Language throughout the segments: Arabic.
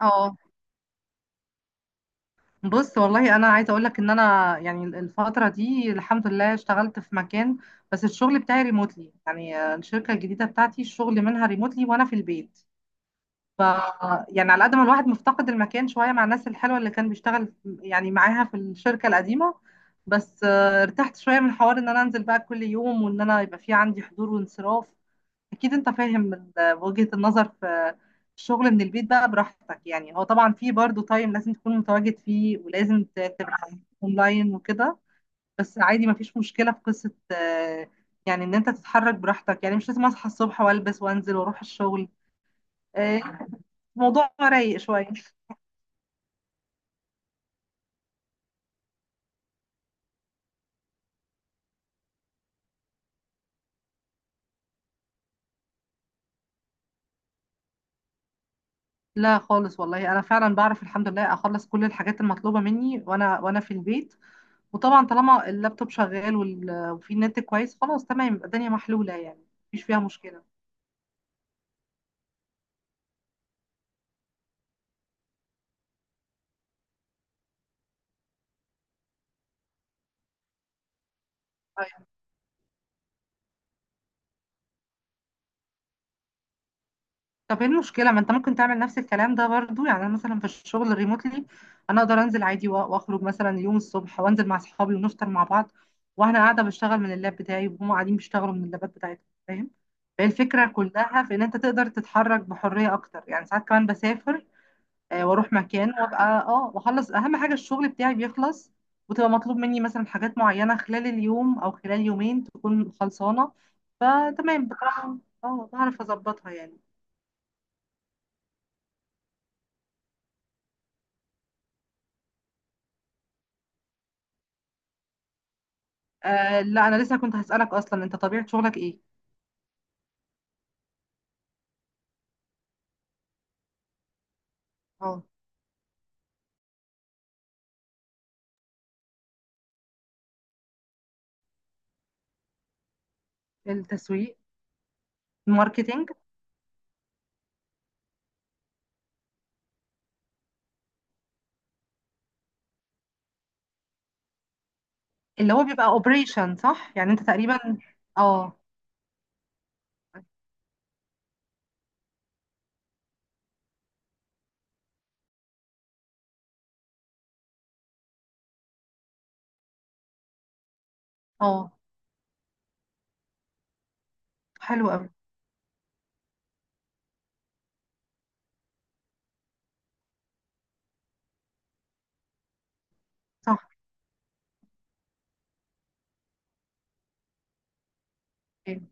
اه. بص والله انا عايزه اقول لك ان انا يعني الفتره دي الحمد لله اشتغلت في مكان. بس الشغل بتاعي ريموتلي يعني الشركه الجديده بتاعتي الشغل منها ريموتلي وانا في البيت. ف يعني على قد ما الواحد مفتقد المكان شويه مع الناس الحلوه اللي كان بيشتغل يعني معاها في الشركه القديمه. بس ارتحت شويه من حوار ان انا انزل بقى كل يوم وان انا يبقى في عندي حضور وانصراف. اكيد انت فاهم وجهة النظر في الشغل من البيت بقى براحتك. يعني هو طبعا في برضه تايم لازم تكون متواجد فيه ولازم تبقى اونلاين وكده. بس عادي مفيش مشكلة في قصة يعني ان انت تتحرك براحتك يعني مش لازم اصحى الصبح والبس وانزل واروح الشغل. آه، الموضوع رايق شوية. لا خالص والله انا فعلا بعرف الحمد لله اخلص كل الحاجات المطلوبة مني وانا في البيت. وطبعا طالما اللابتوب شغال وفي نت كويس خلاص تمام يبقى الدنيا محلولة يعني مفيش فيها مشكلة. طب ايه المشكلة ما انت ممكن تعمل نفس الكلام ده برضو. يعني انا مثلا في الشغل الريموتلي انا اقدر انزل عادي واخرج مثلا يوم الصبح وانزل مع اصحابي ونفطر مع بعض وانا قاعدة بشتغل من اللاب بتاعي وهم قاعدين بيشتغلوا من اللابات بتاعتهم، فاهم؟ فهي الفكرة كلها في ان انت تقدر تتحرك بحرية اكتر، يعني ساعات كمان بسافر واروح مكان وابقى اه واخلص اهم حاجة الشغل بتاعي بيخلص، وتبقى مطلوب مني مثلا حاجات معينة خلال اليوم او خلال يومين تكون خلصانة. فتمام بصراحة. اه بعرف اظبطها يعني. آه لا انا لسه كنت هسألك، اصلا انت طبيعة شغلك ايه؟ اه التسويق. الماركتينج. اللي هو بيبقى اوبريشن صح، يعني انت تقريبا. اه اه حلو قوي. صح. أوكي.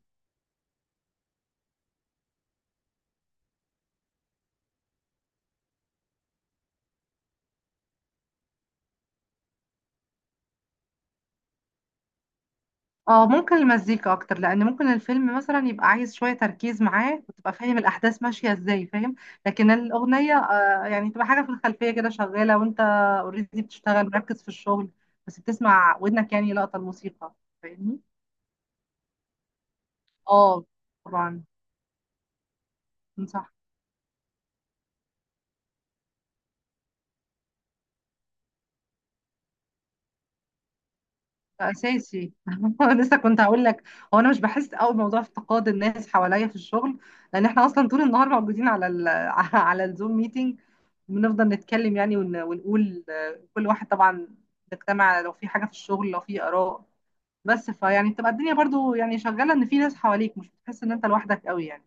اه ممكن المزيكا اكتر، لان ممكن الفيلم مثلا يبقى عايز شوية تركيز معاه وتبقى فاهم الاحداث ماشية ازاي، فاهم؟ لكن الاغنية آه يعني تبقى حاجة في الخلفية كده شغالة وانت اوريدي بتشتغل مركز في الشغل، بس بتسمع ودنك يعني لقطة الموسيقى، فاهمني؟ اه طبعا. صح. اساسي لسه كنت هقول لك. هو انا مش بحس قوي بموضوع افتقاد الناس حواليا في الشغل، لان احنا اصلا طول النهار موجودين على ال على الزوم ميتنج. بنفضل نتكلم يعني ونقول كل واحد طبعا نجتمع لو في حاجه في الشغل، لو في اراء. بس فيعني بتبقى الدنيا برضو يعني شغاله ان في ناس حواليك، مش بتحس ان انت لوحدك قوي يعني.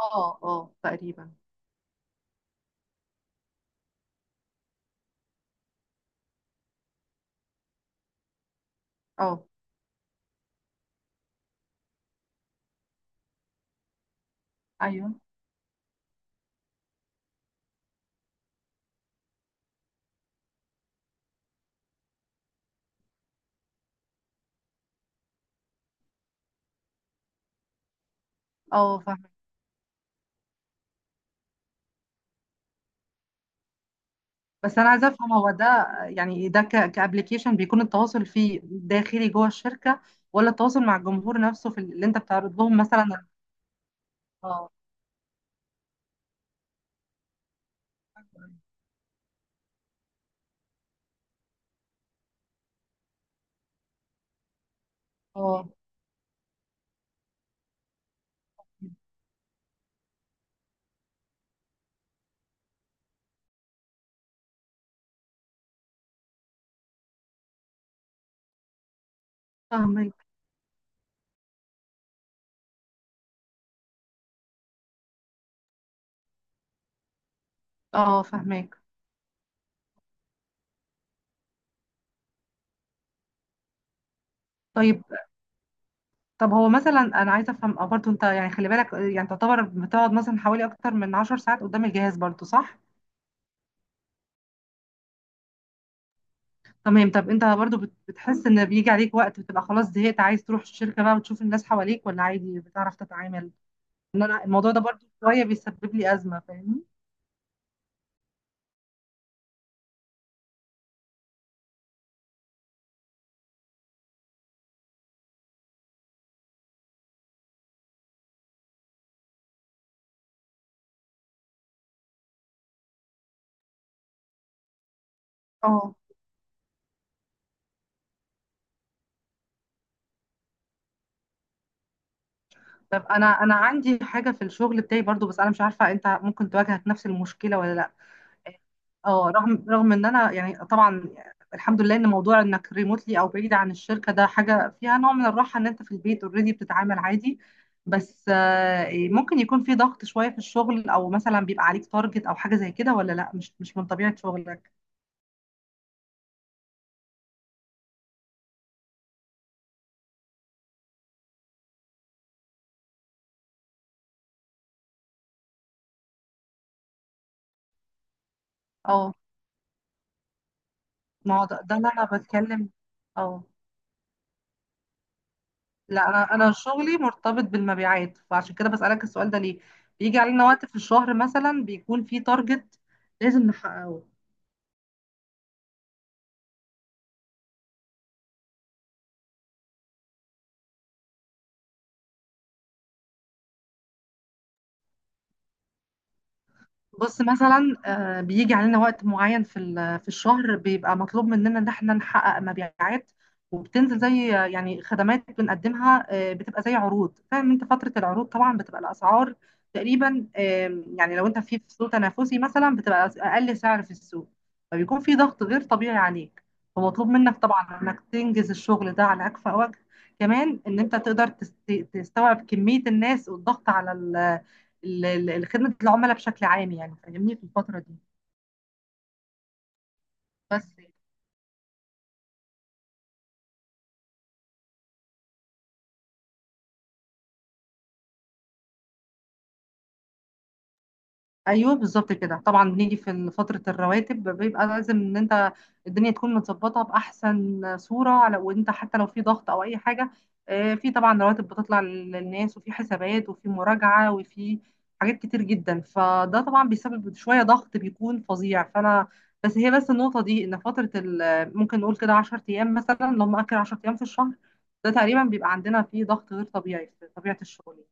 اه اه تقريبا. اه. ايوه. اه فاهمة. بس انا عايزه افهم هو ده. يعني ده كابلكيشن بيكون التواصل فيه داخلي جوه الشركه، ولا التواصل مع الجمهور نفسه في اللي انت بتعرض لهم مثلا. اه. اه فاهمك. اه فاهمك. طيب. طب هو مثلا انا عايزه افهم برضه، انت يعني خلي بالك يعني تعتبر بتقعد مثلا حوالي اكتر من 10 ساعات قدام الجهاز برضه صح؟ تمام طب انت برضه بتحس ان بيجي عليك وقت بتبقى خلاص زهقت عايز تروح الشركه بقى وتشوف الناس حواليك، ولا عادي بتعرف تتعامل؟ ان انا الموضوع ده برضه شويه بيسبب لي ازمه، فاهمني؟ اه طب انا عندي حاجه في الشغل بتاعي برضو، بس انا مش عارفه انت ممكن تواجهك نفس المشكله ولا لا. اه رغم ان انا يعني طبعا الحمد لله ان موضوع انك ريموتلي او بعيد عن الشركه ده حاجه فيها نوع من الراحه، ان انت في البيت اوريدي بتتعامل عادي. بس ممكن يكون في ضغط شويه في الشغل او مثلا بيبقى عليك تارجت او حاجه زي كده، ولا لا مش من طبيعه شغلك. اه ما هو ده اللي انا بتكلم. اه لا انا شغلي مرتبط بالمبيعات، فعشان كده بسألك السؤال ده ليه. بيجي علينا وقت في الشهر مثلا بيكون في تارجت لازم نحققه. بص مثلا بيجي علينا وقت معين في في الشهر بيبقى مطلوب مننا ان احنا نحقق مبيعات. وبتنزل زي يعني خدمات بنقدمها بتبقى زي عروض، فاهم؟ انت فترة العروض طبعا بتبقى الاسعار تقريبا يعني لو انت في سوق تنافسي مثلا بتبقى اقل سعر في السوق، فبيكون في ضغط غير طبيعي عليك. فمطلوب منك طبعا انك تنجز الشغل ده على اكفأ وجه، كمان ان انت تقدر تستوعب كمية الناس والضغط على خدمة العملاء بشكل عام يعني، فاهمني؟ في الفترة دي بس. ايوه بالظبط كده، طبعا بنيجي في فتره الرواتب بيبقى لازم ان انت الدنيا تكون متظبطه باحسن صوره، على وانت حتى لو في ضغط او اي حاجه. في طبعا رواتب بتطلع للناس، وفي حسابات وفي مراجعه وفي حاجات كتير جدا، فده طبعا بيسبب شويه ضغط بيكون فظيع فانا. بس هي بس النقطه دي ان فتره ممكن نقول كده 10 ايام مثلا، لو مأكل 10 ايام في الشهر، ده تقريبا بيبقى عندنا فيه ضغط غير طبيعي في طبيعه الشغل.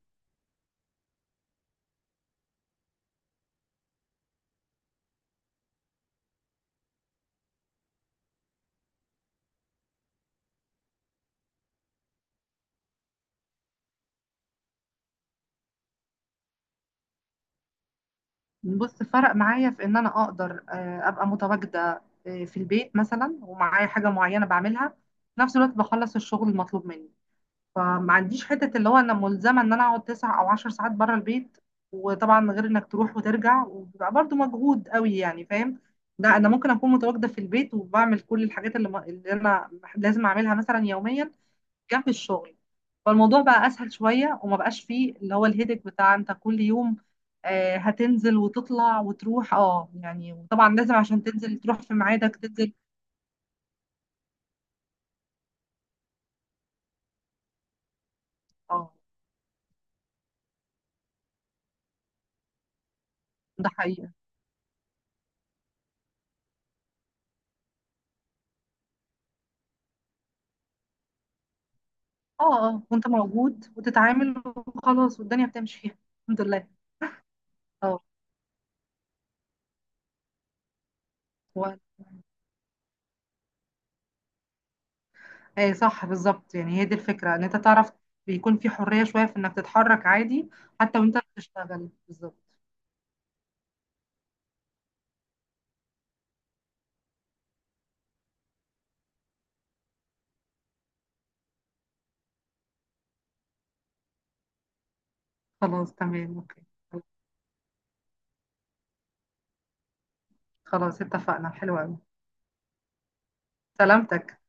بص فرق معايا في ان انا اقدر ابقى متواجده في البيت مثلا، ومعايا حاجه معينه بعملها في نفس الوقت بخلص الشغل المطلوب مني. فما عنديش حته اللي هو انا ملزمه ان انا اقعد 9 او 10 ساعات بره البيت. وطبعا غير انك تروح وترجع وبيبقى برضه مجهود قوي يعني، فاهم؟ لا انا ممكن اكون متواجده في البيت وبعمل كل الحاجات اللي, اللي انا لازم اعملها مثلا يوميا جنب الشغل. فالموضوع بقى اسهل شويه، وما بقاش فيه اللي هو الهيدك بتاع انت كل يوم هتنزل وتطلع وتروح اه يعني. وطبعا لازم عشان تنزل تروح في ميعادك تنزل. اه ده حقيقه. اه اه وانت موجود وتتعامل وخلاص والدنيا بتمشي فيها. الحمد لله. اه و- ايه صح بالظبط، يعني هي دي الفكرة ان انت تعرف بيكون في حرية شوية في انك تتحرك عادي حتى وانت بتشتغل بالظبط. خلاص تمام اوكي. خلاص اتفقنا حلو قوي. سلامتك.